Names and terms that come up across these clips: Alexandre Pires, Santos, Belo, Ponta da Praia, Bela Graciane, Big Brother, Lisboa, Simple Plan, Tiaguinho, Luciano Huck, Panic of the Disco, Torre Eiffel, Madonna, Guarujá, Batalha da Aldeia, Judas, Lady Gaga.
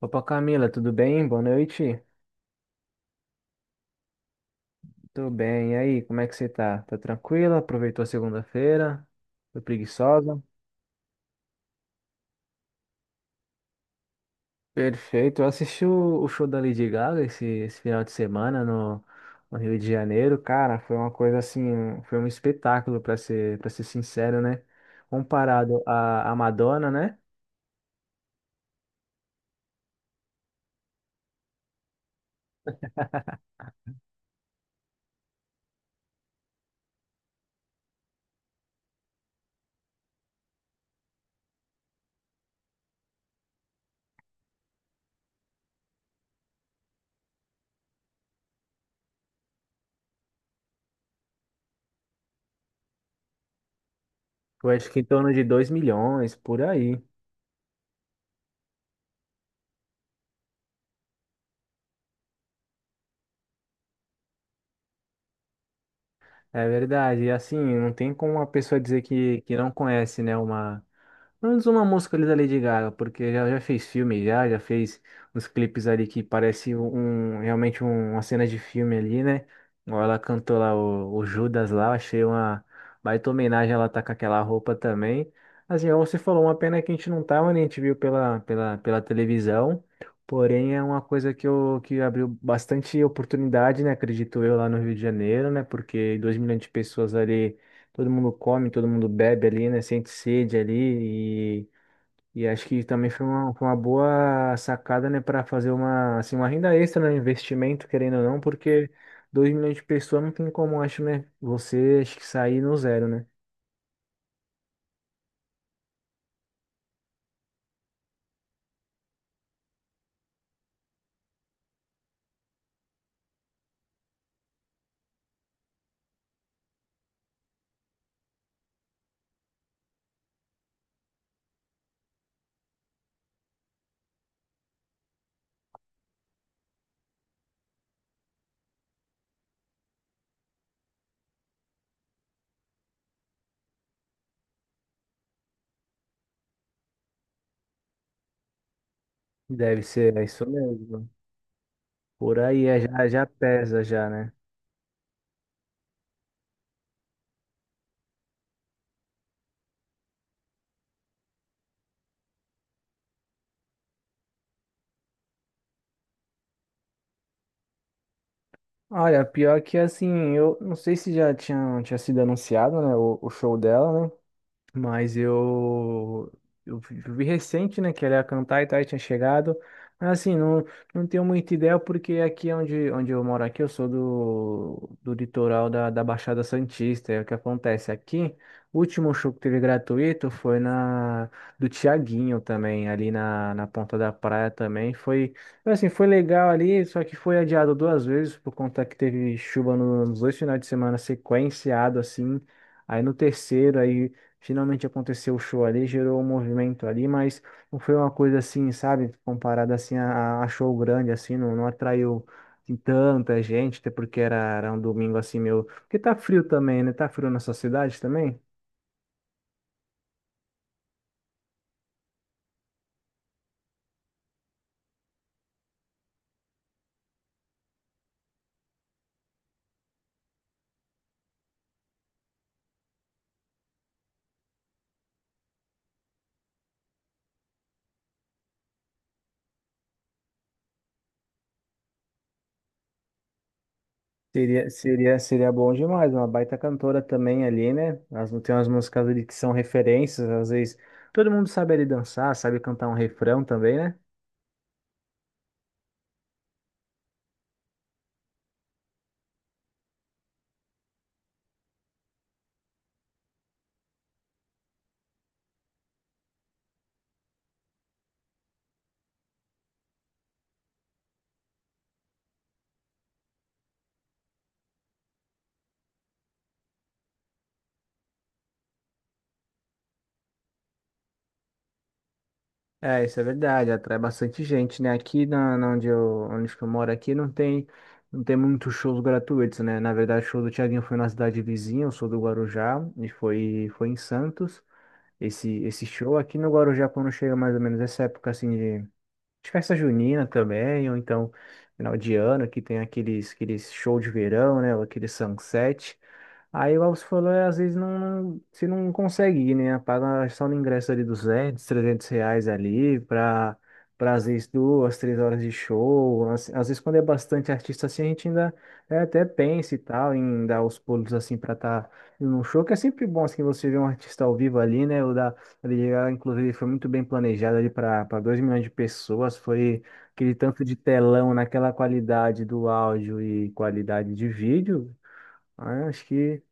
Opa, Camila, tudo bem? Boa noite. Tudo bem. E aí, como é que você tá? Tá tranquila? Aproveitou a segunda-feira? Foi preguiçosa? Perfeito. Eu assisti o show da Lady Gaga esse final de semana no Rio de Janeiro. Cara, foi uma coisa assim, foi um espetáculo, para ser sincero, né? Comparado à Madonna, né? Eu acho que em torno de 2 milhões, por aí. É verdade. E assim, não tem como uma pessoa dizer que não conhece, né? Uma Pelo menos uma música ali da Lady Gaga, porque já fez filme, já fez uns clipes ali que parece realmente uma cena de filme ali, né? Igual ela cantou lá o Judas lá, achei uma baita homenagem, ela tá com aquela roupa também. Assim, igual você falou, uma pena que a gente não tava, né? A gente viu pela televisão, porém é uma coisa que, eu, que abriu bastante oportunidade, né? Acredito eu, lá no Rio de Janeiro, né? Porque 2 milhões de pessoas ali todo mundo come, todo mundo bebe ali, né? Sente sede ali e acho que também foi uma boa sacada, né? Para fazer uma, assim, uma renda extra, né? Investimento, querendo ou não, porque 2 milhões de pessoas não tem como, acho, né? Você acho que sair no zero, né? Deve ser, é isso mesmo. Por aí é, já pesa já, né? Olha, pior que assim, eu não sei se já tinha sido anunciado, né? O show dela, né? Mas eu vi recente, né, que ela ia cantar e tal, e tinha chegado. Mas assim, não, não tenho muita ideia, porque aqui é onde eu moro aqui, eu sou do litoral da Baixada Santista. E é o que acontece aqui, o último show que teve gratuito foi na do Tiaguinho também, ali na Ponta da Praia também. Foi, assim, foi legal ali, só que foi adiado duas vezes, por conta que teve chuva nos dois finais de semana sequenciado, assim. Aí no terceiro, aí. Finalmente aconteceu o show ali, gerou um movimento ali, mas não foi uma coisa assim, sabe? Comparada assim a show grande, assim, não, não atraiu assim, tanta gente, até porque era um domingo assim meio. Porque tá frio também, né? Tá frio na sua cidade também? Seria bom demais, uma baita cantora também ali, né? As, tem umas músicas ali que são referências, às vezes todo mundo sabe ali dançar, sabe cantar um refrão também, né? É, isso é verdade, atrai bastante gente, né? Aqui na onde eu, onde que eu moro aqui não tem, não tem muitos shows gratuitos, né? Na verdade, o show do Thiaguinho foi na cidade vizinha, eu sou do Guarujá, e foi, foi em Santos. Esse show aqui no Guarujá, quando chega mais ou menos essa época assim de festa junina também, ou então final de ano, que tem aqueles, aqueles show de verão, né? Ou aquele sunset. Aí, o Alves falou, é, às vezes não, você não consegue ir, né? Paga só no ingresso ali 200, 300 reais ali para para às vezes duas, três horas de show. Às vezes quando é bastante artista assim, a gente ainda é, até pensa e tal em dar os pulos assim para estar num show, que é sempre bom assim você ver um artista ao vivo ali, né? O da ali, ela, inclusive, foi muito bem planejado ali para 2 milhões de pessoas. Foi aquele tanto de telão naquela qualidade do áudio e qualidade de vídeo. Ah, acho que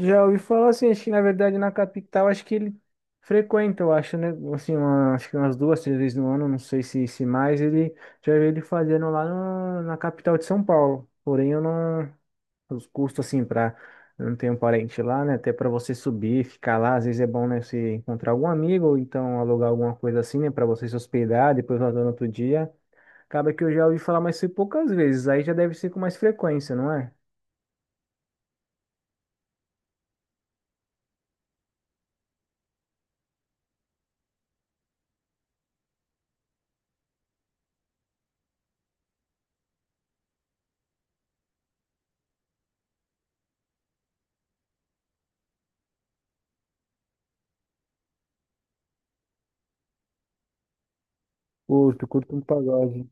já ouvi falar assim, acho que na verdade na capital, acho que ele frequenta, eu acho, né? Assim, acho que umas duas, três vezes no ano, não sei se mais, ele já vi ele fazendo lá na capital de São Paulo. Porém, eu não. Os custos, assim, pra. Eu não tenho parente lá, né? Até pra você subir, ficar lá, às vezes é bom, né? Você encontrar algum amigo, ou então alugar alguma coisa assim, né? Pra você se hospedar, depois voltar no outro dia. Acaba que eu já ouvi falar, mas foi poucas vezes, aí já deve ser com mais frequência, não é? Curto, curto um pagode.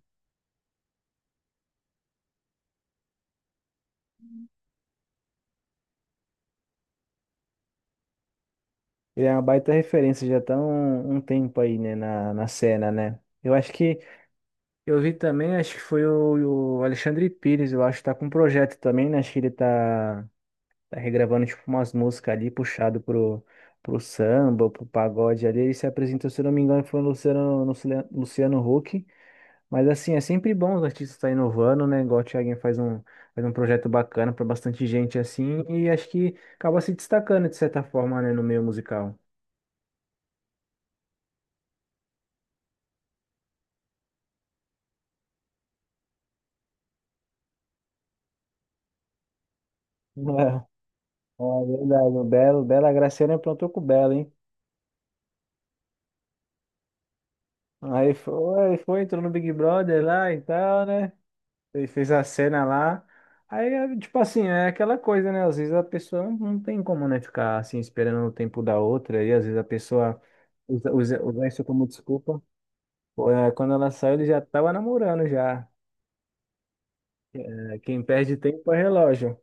Ele é uma baita referência, já tá um tempo aí, né, na cena, né? Eu acho que eu vi também, acho que foi o Alexandre Pires, eu acho que tá com um projeto também, né? Acho que ele tá regravando tipo umas músicas ali, puxado pro samba, pro pagode ali. Ele se apresentou, se eu não me engano, foi o Luciano, Luciano Huck. Mas assim, é sempre bom os artistas estar inovando, né? Igual o Thiaguinho faz faz um projeto bacana pra bastante gente assim, e acho que acaba se destacando de certa forma, né, no meio musical. Ah, verdade, o Belo, Bela Graciane aprontou com o Belo, hein? Aí foi, foi, entrou no Big Brother lá e tal, né? Ele fez a cena lá. Aí, é, tipo assim, é aquela coisa, né? Às vezes a pessoa não tem como, né, ficar assim esperando o tempo da outra. E às vezes a pessoa usa isso como desculpa. Pô, é, quando ela saiu, ele já tava namorando já. É, quem perde tempo é relógio.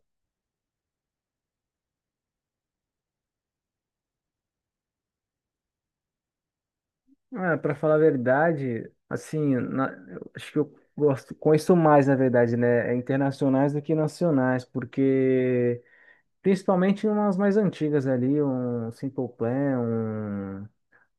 Ah, para falar a verdade, assim, eu acho que eu gosto, conheço mais, na verdade, né? É internacionais do que nacionais, porque principalmente umas mais antigas ali, um Simple Plan, um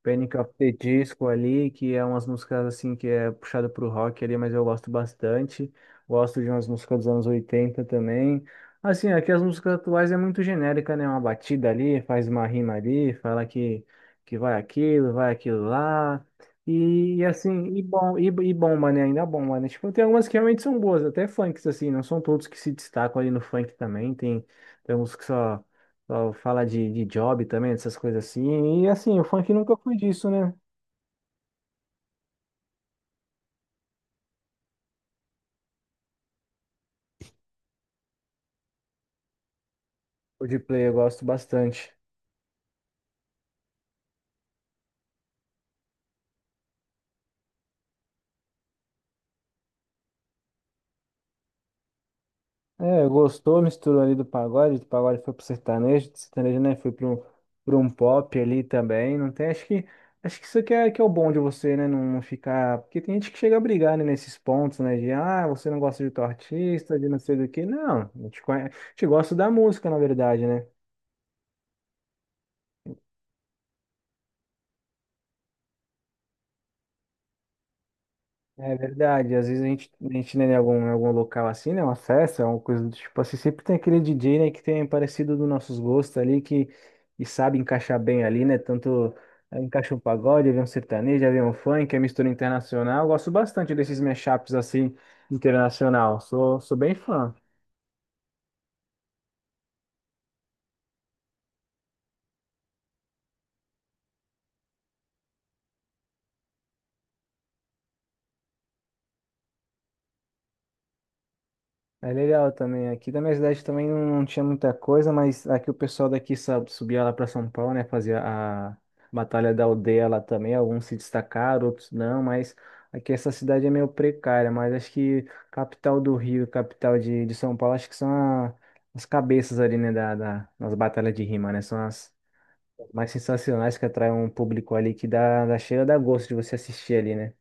Panic of the Disco ali, que é umas músicas assim que é puxada pro rock ali, mas eu gosto bastante. Gosto de umas músicas dos anos 80 também. Assim, aqui as músicas atuais é muito genérica, né? Uma batida ali, faz uma rima ali, fala que vai aquilo lá. E, e bomba, né? Ainda bomba, né? Tipo, tem algumas que realmente são boas, até funks, assim, não são todos que se destacam ali no funk também. Tem, tem uns que só. Só fala de job também, dessas coisas assim. E assim, o funk nunca foi disso, né? O de play eu gosto bastante. É, gostou, misturou ali do pagode foi pro sertanejo, do sertanejo, né? Foi pro, pro um pop ali também. Não tem, acho que isso que é o bom de você, né? Não, não ficar. Porque tem gente que chega a brigar, né, nesses pontos, né? De ah, você não gosta de tal artista, de não sei do que. Não, a gente, a gente gosta da música, na verdade, né? É verdade, às vezes a gente né, em em algum local assim, né, uma festa, uma coisa do tipo assim, sempre tem aquele DJ, né, que tem parecido dos nossos gostos ali, que e sabe encaixar bem ali, né, tanto é, encaixa um pagode, vem um sertanejo, vem um funk, é mistura internacional, eu gosto bastante desses mashups assim, internacional, sou, sou bem fã. É legal também. Aqui da minha cidade também não, não tinha muita coisa, mas aqui o pessoal daqui sabe, subia lá para São Paulo, né? Fazia a Batalha da Aldeia lá também. Alguns se destacaram, outros não, mas aqui essa cidade é meio precária. Mas acho que capital do Rio, capital de São Paulo, acho que são a- as cabeças ali, né? Nas batalhas de rima, né? São as mais sensacionais que atraem um público ali que dá, dá cheira, dá gosto de você assistir ali, né?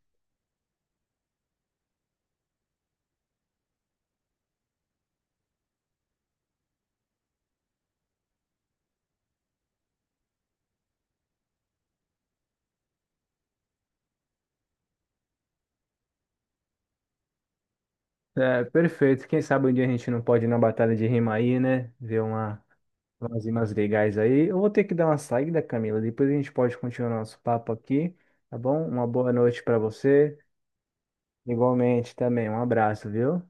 É, perfeito. Quem sabe um dia a gente não pode ir na batalha de rima aí, né? Ver uma. Umas umas legais aí. Eu vou ter que dar uma saída, Camila. Depois a gente pode continuar nosso papo aqui, tá bom? Uma boa noite para você. Igualmente também. Um abraço, viu?